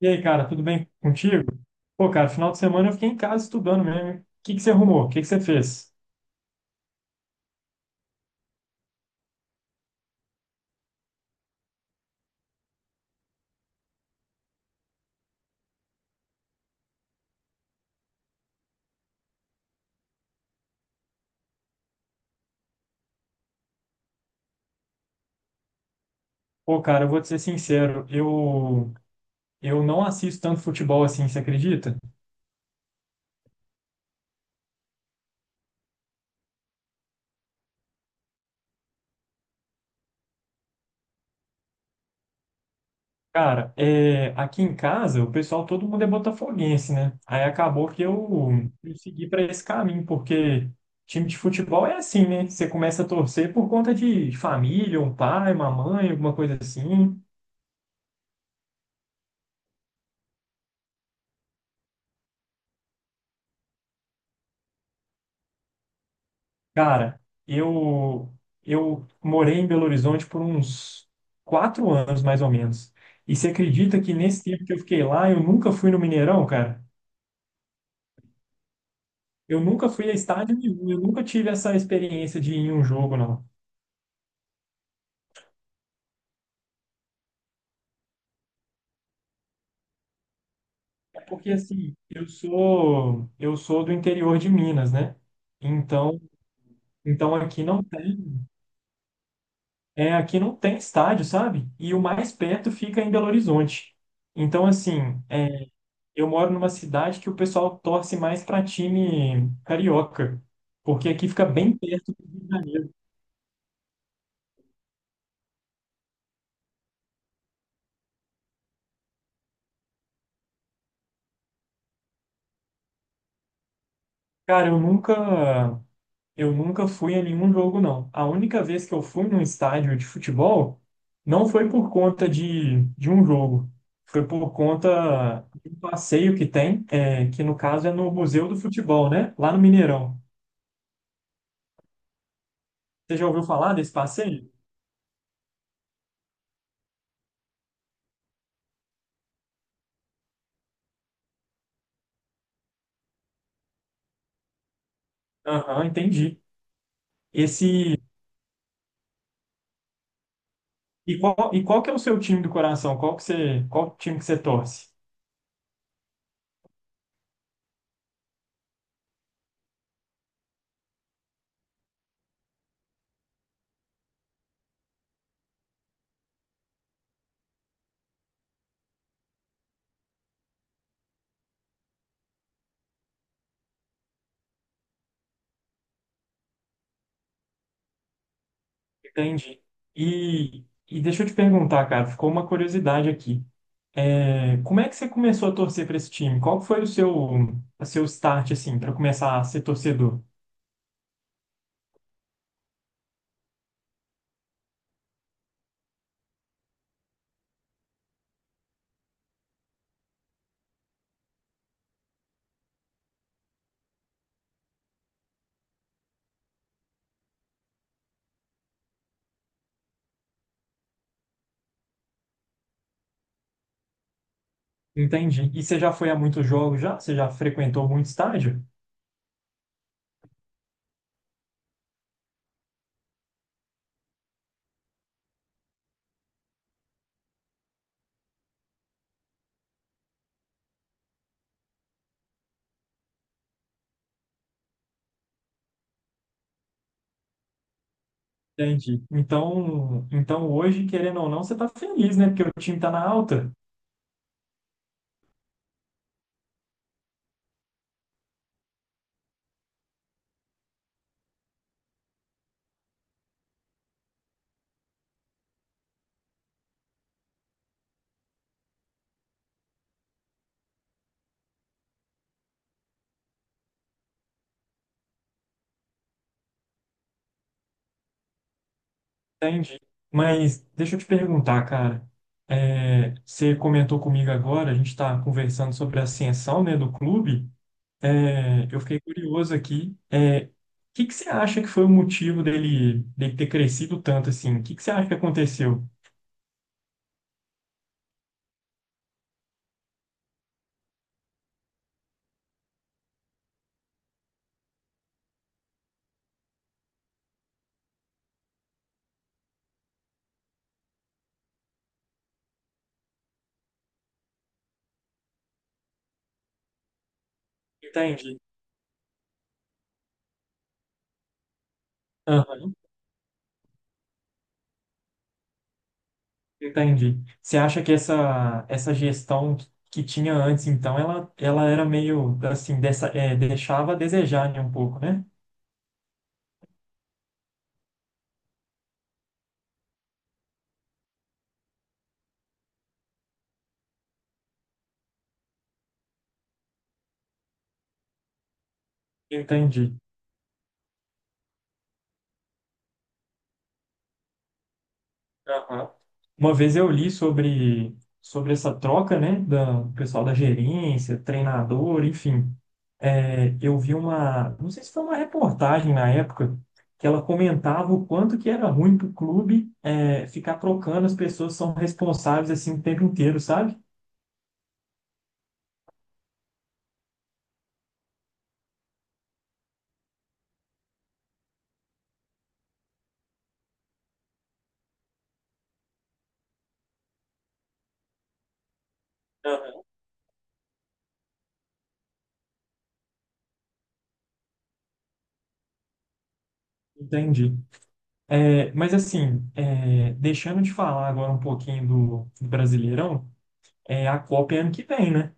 E aí, cara, tudo bem contigo? Pô, cara, final de semana eu fiquei em casa estudando mesmo. O que que você arrumou? O que que você fez? Pô, cara, eu vou te ser sincero, eu não assisto tanto futebol assim, você acredita? Cara, é, aqui em casa o pessoal, todo mundo é botafoguense, né? Aí acabou que eu segui para esse caminho, porque time de futebol é assim, né? Você começa a torcer por conta de família, um pai, uma mãe, alguma coisa assim. Cara, eu eu morei em Belo Horizonte por uns quatro anos, mais ou menos. E você acredita que nesse tempo que eu fiquei lá, eu nunca fui no Mineirão, cara? Eu nunca fui a estádio nenhum, eu nunca tive essa experiência de ir em um jogo, não. É porque assim, eu sou do interior de Minas, né? Então, então, aqui não tem. É, aqui não tem estádio, sabe? E o mais perto fica em Belo Horizonte. Então, assim, é, eu moro numa cidade que o pessoal torce mais para time carioca, porque aqui fica bem perto do Rio de Janeiro. Cara, eu nunca fui a nenhum jogo, não. A única vez que eu fui num estádio de futebol não foi por conta de um jogo, foi por conta de um passeio que tem, é, que no caso é no Museu do Futebol, né? Lá no Mineirão. Você já ouviu falar desse passeio? Aham, entendi. Esse e qual E qual que é o seu time do coração? Qual time que você torce? Entendi. E e deixa eu te perguntar, cara, ficou uma curiosidade aqui. É, como é que você começou a torcer para esse time? Qual que foi o seu start assim para começar a ser torcedor? Entendi. E você já foi a muitos jogos já? Você já frequentou muito estádio? Entendi. Então, hoje, querendo ou não, você tá feliz, né? Porque o time tá na alta. Entendi. Mas deixa eu te perguntar, cara. É, você comentou comigo agora, a gente está conversando sobre a ascensão, né, do clube. É, eu fiquei curioso aqui. É, o que que você acha que foi o motivo dele ter crescido tanto assim? O que que você acha que aconteceu? Entendi. Entendi. Você acha que essa gestão que tinha antes, então, ela era meio, assim, dessa, é, deixava a desejar, né, um pouco, né? Entendi. Aham. Uma vez eu li sobre essa troca, né, do pessoal da gerência, treinador, enfim. É, eu vi uma, não sei se foi uma reportagem na época, que ela comentava o quanto que era ruim para o clube é, ficar trocando as pessoas que são responsáveis assim o tempo inteiro, sabe? Aham. Entendi. É, mas assim, é, deixando de falar agora um pouquinho do Brasileirão, é, a Copa é ano que vem, né?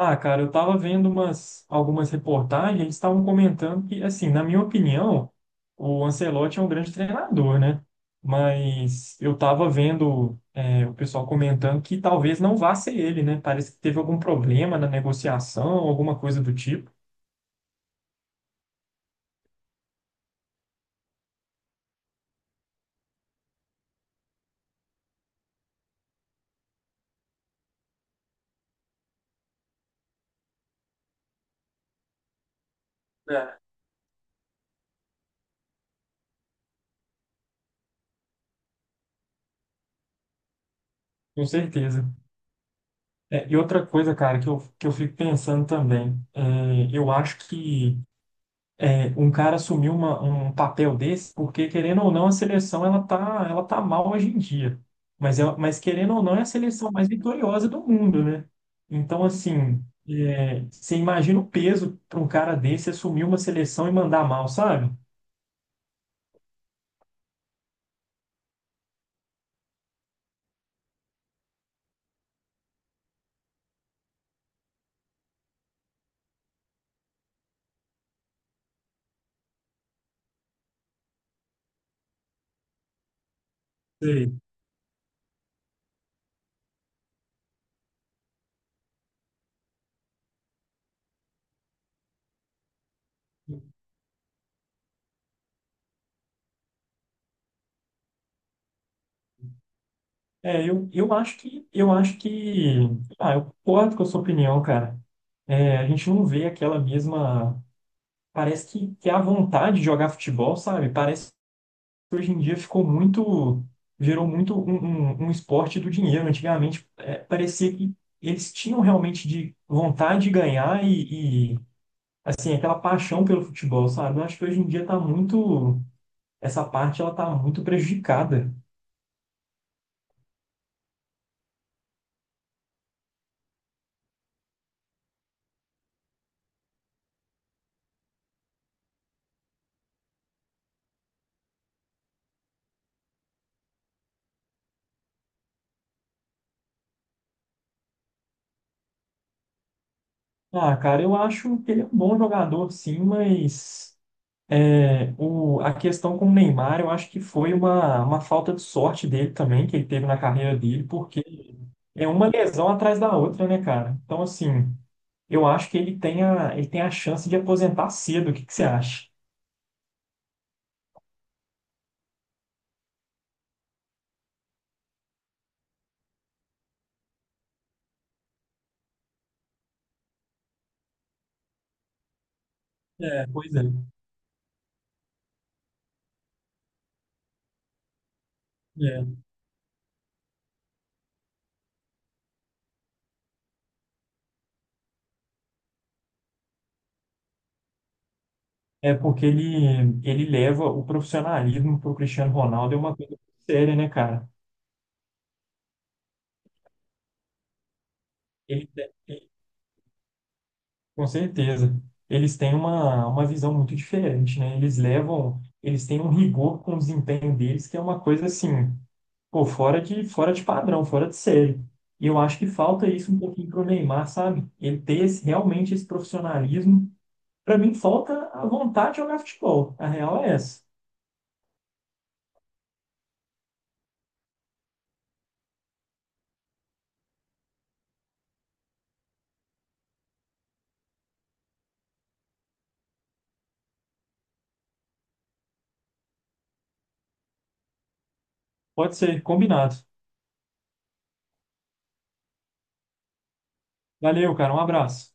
Ah, cara, eu tava vendo umas, algumas reportagens, eles estavam comentando que, assim, na minha opinião, o Ancelotti é um grande treinador, né? Mas eu tava vendo, é, o pessoal comentando que talvez não vá ser ele, né? Parece que teve algum problema na negociação, alguma coisa do tipo. É. Com certeza. É, e outra coisa, cara, que eu fico pensando também, é, eu acho que é, um cara assumir um papel desse, porque querendo ou não, a seleção ela tá mal hoje em dia. Mas, é, mas querendo ou não, é a seleção mais vitoriosa do mundo, né? Então, assim, é, você imagina o peso para um cara desse assumir uma seleção e mandar mal, sabe? Sei. É, eu acho que, ah, eu concordo com a sua opinião, cara. É, a gente não vê aquela mesma, parece que é a vontade de jogar futebol, sabe? Parece que hoje em dia ficou muito, virou muito um esporte do dinheiro. Antigamente, é, parecia que eles tinham realmente de vontade de ganhar assim, aquela paixão pelo futebol, sabe? Eu acho que hoje em dia tá muito, essa parte ela tá muito prejudicada. Ah, cara, eu acho que ele é um bom jogador, sim, mas é, a questão com o Neymar, eu acho que foi uma falta de sorte dele também, que ele teve na carreira dele, porque é uma lesão atrás da outra, né, cara? Então, assim, eu acho que ele tem a chance de aposentar cedo. O que que você acha? É, pois é. É, é porque ele leva o profissionalismo pro Cristiano Ronaldo, é uma coisa séria, né, cara? Ele, com certeza. Eles têm uma visão muito diferente, né? Eles levam, eles têm um rigor com o desempenho deles, que é uma coisa assim, pô, fora fora de padrão, fora de série. E eu acho que falta isso um pouquinho pro Neymar, sabe? Ele ter esse- realmente esse profissionalismo. Para mim, falta a vontade de jogar futebol. A real é essa. Pode ser, combinado. Valeu, cara. Um abraço.